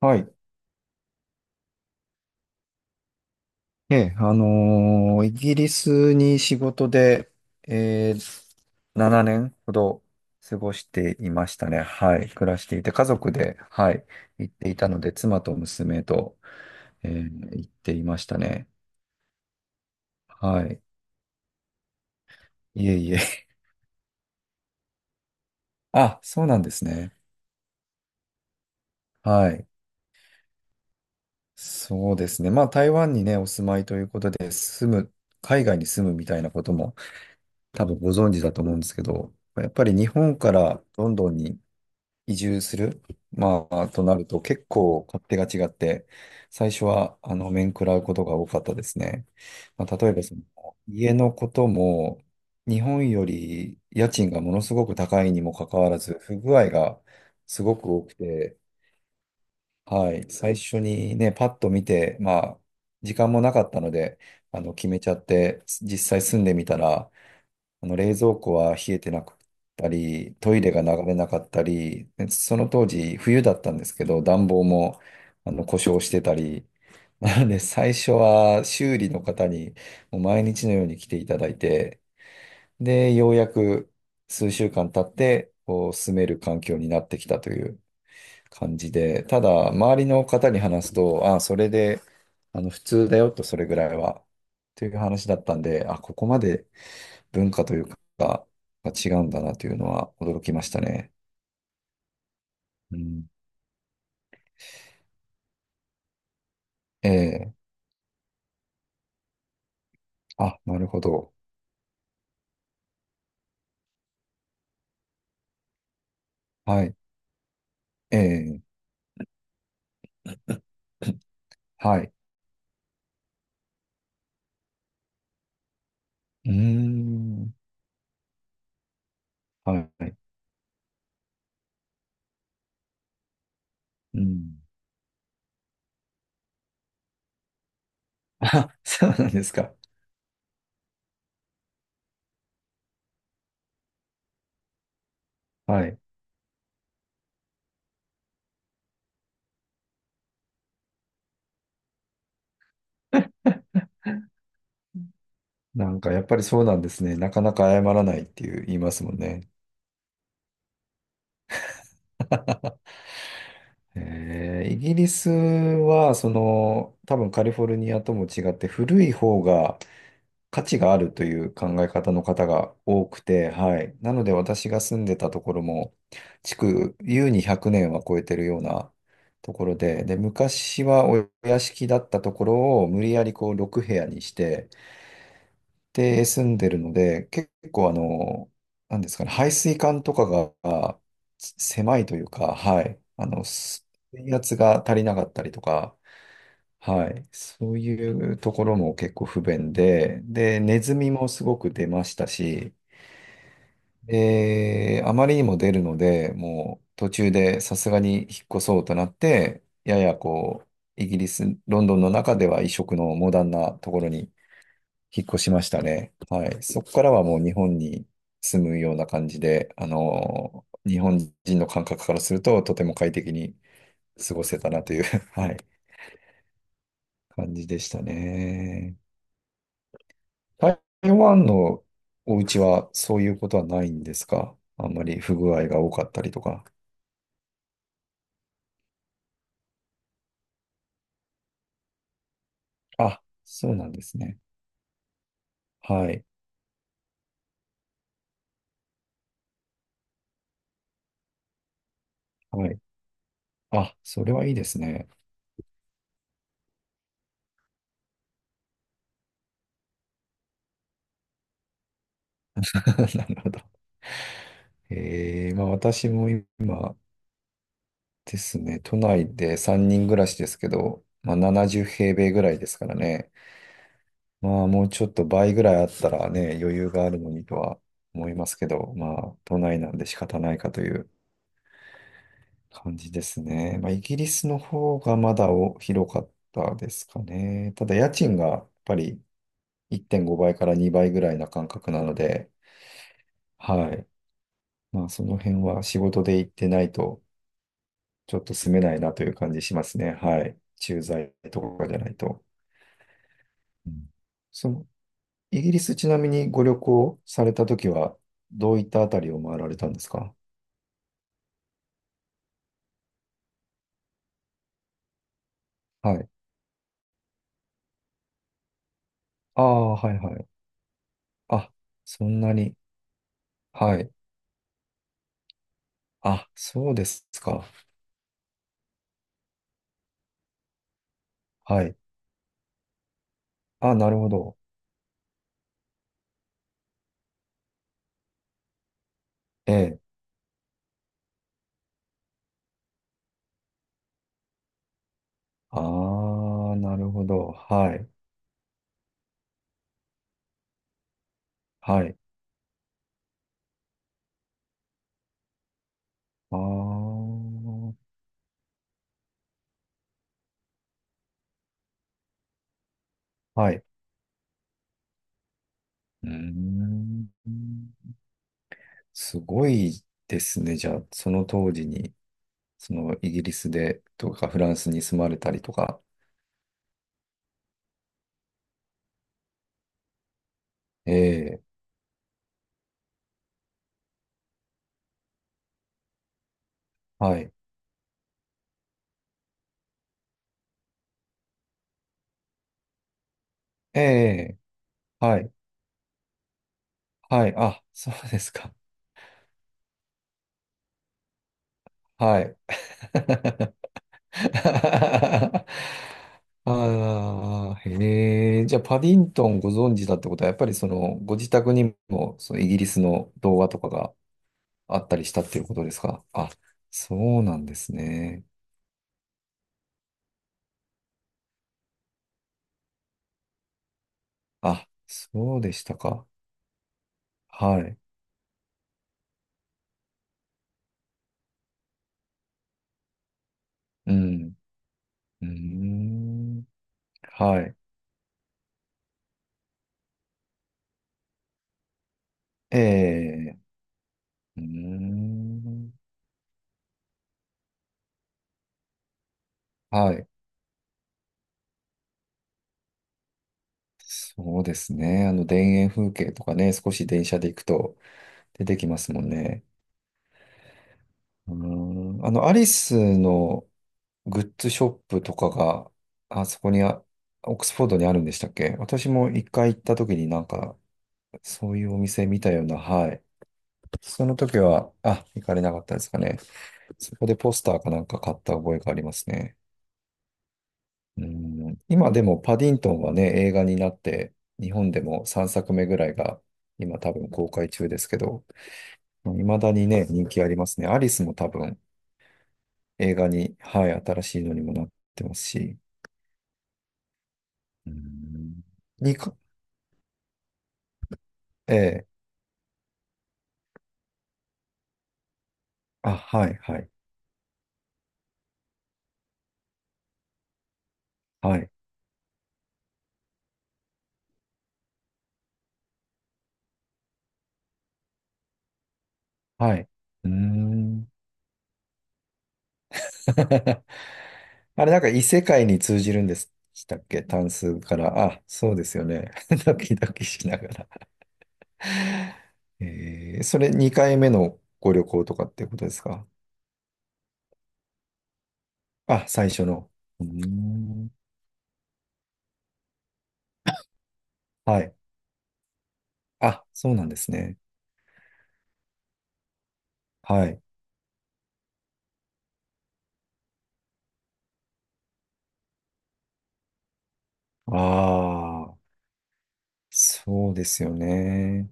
はい。ええ、イギリスに仕事で、えー、7年ほど過ごしていましたね。はい。暮らしていて、家族で、はい、行っていたので、妻と娘と、行っていましたね。はい。いえいえ。あ、そうなんですね。はい。そうですね。まあ、台湾にね、お住まいということで、海外に住むみたいなことも多分ご存知だと思うんですけど、やっぱり日本からロンドンに移住する、まあ、となると結構勝手が違って、最初は、面食らうことが多かったですね。まあ、例えば、家のことも、日本より家賃がものすごく高いにもかかわらず、不具合がすごく多くて、はい、最初にね、パッと見て、まあ、時間もなかったので、決めちゃって、実際住んでみたら、冷蔵庫は冷えてなかったり、トイレが流れなかったり、でその当時冬だったんですけど、暖房も故障してたり、なので最初は修理の方にもう毎日のように来ていただいて、で、ようやく数週間経って、こう住める環境になってきたという感じで、ただ周りの方に話すと、ああ、それで普通だよと、それぐらいは。という話だったんで、あ、ここまで文化というか、が違うんだなというのは驚きましたね。うん。ええ。あ、なるほど。はい。ええ。はい。うーん。はい。うん。あ、そうなんですか。はい。なんかやっぱりそうなんですね。なかなか謝らないっていう言いますもんね。イギリスは、多分カリフォルニアとも違って古い方が価値があるという考え方の方が多くて、はい。なので私が住んでたところも、築、優に100年は超えてるようなところで、で、昔はお屋敷だったところを無理やりこう6部屋にして、で、住んでるので、結構なんですかね、排水管とかが狭いというか、はい。水圧が足りなかったりとか、はい。そういうところも結構不便で、で、ネズミもすごく出ましたし、で、あまりにも出るので、もう途中でさすがに引っ越そうとなって、ややこう、イギリス、ロンドンの中では異色のモダンなところに引っ越しましたね。はい。そこからはもう日本に住むような感じで、日本人の感覚からするととても快適に過ごせたなという はい、感じでしたね。台湾のお家はそういうことはないんですか？あんまり不具合が多かったりとか。あ、そうなんですね。はい。はい。あ、それはいいですね。なるほど。まあ私も今ですね、都内で3人暮らしですけど、まあ70平米ぐらいですからね。まあもうちょっと倍ぐらいあったらね、余裕があるのにとは思いますけど、まあ都内なんで仕方ないかという感じですね。まあ、イギリスの方がまだお広かったですかね。ただ家賃がやっぱり1.5倍から2倍ぐらいな感覚なので、はい。まあその辺は仕事で行ってないとちょっと住めないなという感じしますね。はい。駐在とかじゃないと。うん、その、イギリスちなみにご旅行されたときはどういったあたりを回られたんですか？はい。ああ、はいはい。あ、そんなに。はい。あ、そうですか。はい。あ、なるほど。ええ。ああ、なるほど。はい。はい。ああ、はい。うーん。すごいですね。じゃあ、その当時に、そのイギリスでとかフランスに住まれたりとか。ええ。はい。ええ。はい。はい。あ、そうですか。はい。ああ、へえ。じゃあ、パディントンご存知だってことは、やっぱりその、ご自宅にも、そのイギリスの動画とかがあったりしたっていうことですか？あ、そうなんですね。あ、そうでしたか。はい。うん。うーん。はい。ええ。うーん。はい。そうですね。田園風景とかね、少し電車で行くと出てきますもんね。うーん、アリスのグッズショップとかが、あそこにあ、オックスフォードにあるんでしたっけ？私も一回行った時になんか、そういうお店見たような、はい。その時は、あ、行かれなかったですかね。そこでポスターかなんか買った覚えがありますね。うん、今でもパディントンはね、映画になって、日本でも3作目ぐらいが今多分公開中ですけど、未だにね、人気ありますね。アリスも多分映画に、はい、新しいのにもなってますし、うーん、にか、ええ、あ、はい、はい、はい、はい。うーん。あれ、なんか異世界に通じるんでしたっけ？単数から。あ、そうですよね。ドキドキしながら。それ2回目のご旅行とかってことですか？あ、最初の。うーん。はい。あ、そうなんですね。はい。ああ、そうですよね。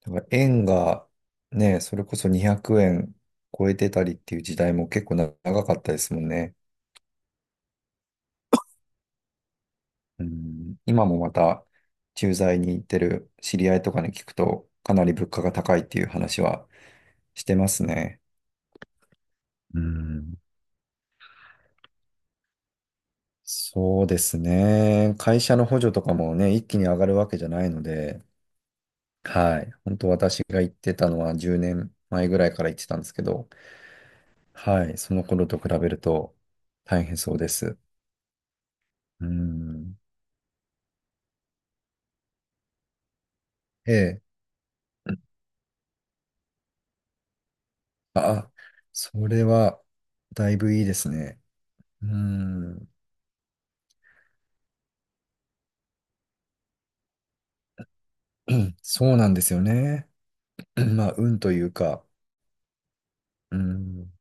だから円がね、それこそ200円超えてたりっていう時代も結構長かったですもんね。うん、今もまた駐在に行ってる知り合いとかに聞くと、かなり物価が高いっていう話はしてますね。うん、そうですね。会社の補助とかもね、一気に上がるわけじゃないので、はい。本当私が行ってたのは10年前ぐらいから行ってたんですけど、はい。その頃と比べると大変そうです。うん。ええ、あ、それは、だいぶいいですね。うん、そうなんですよね。まあ、運というか、うん。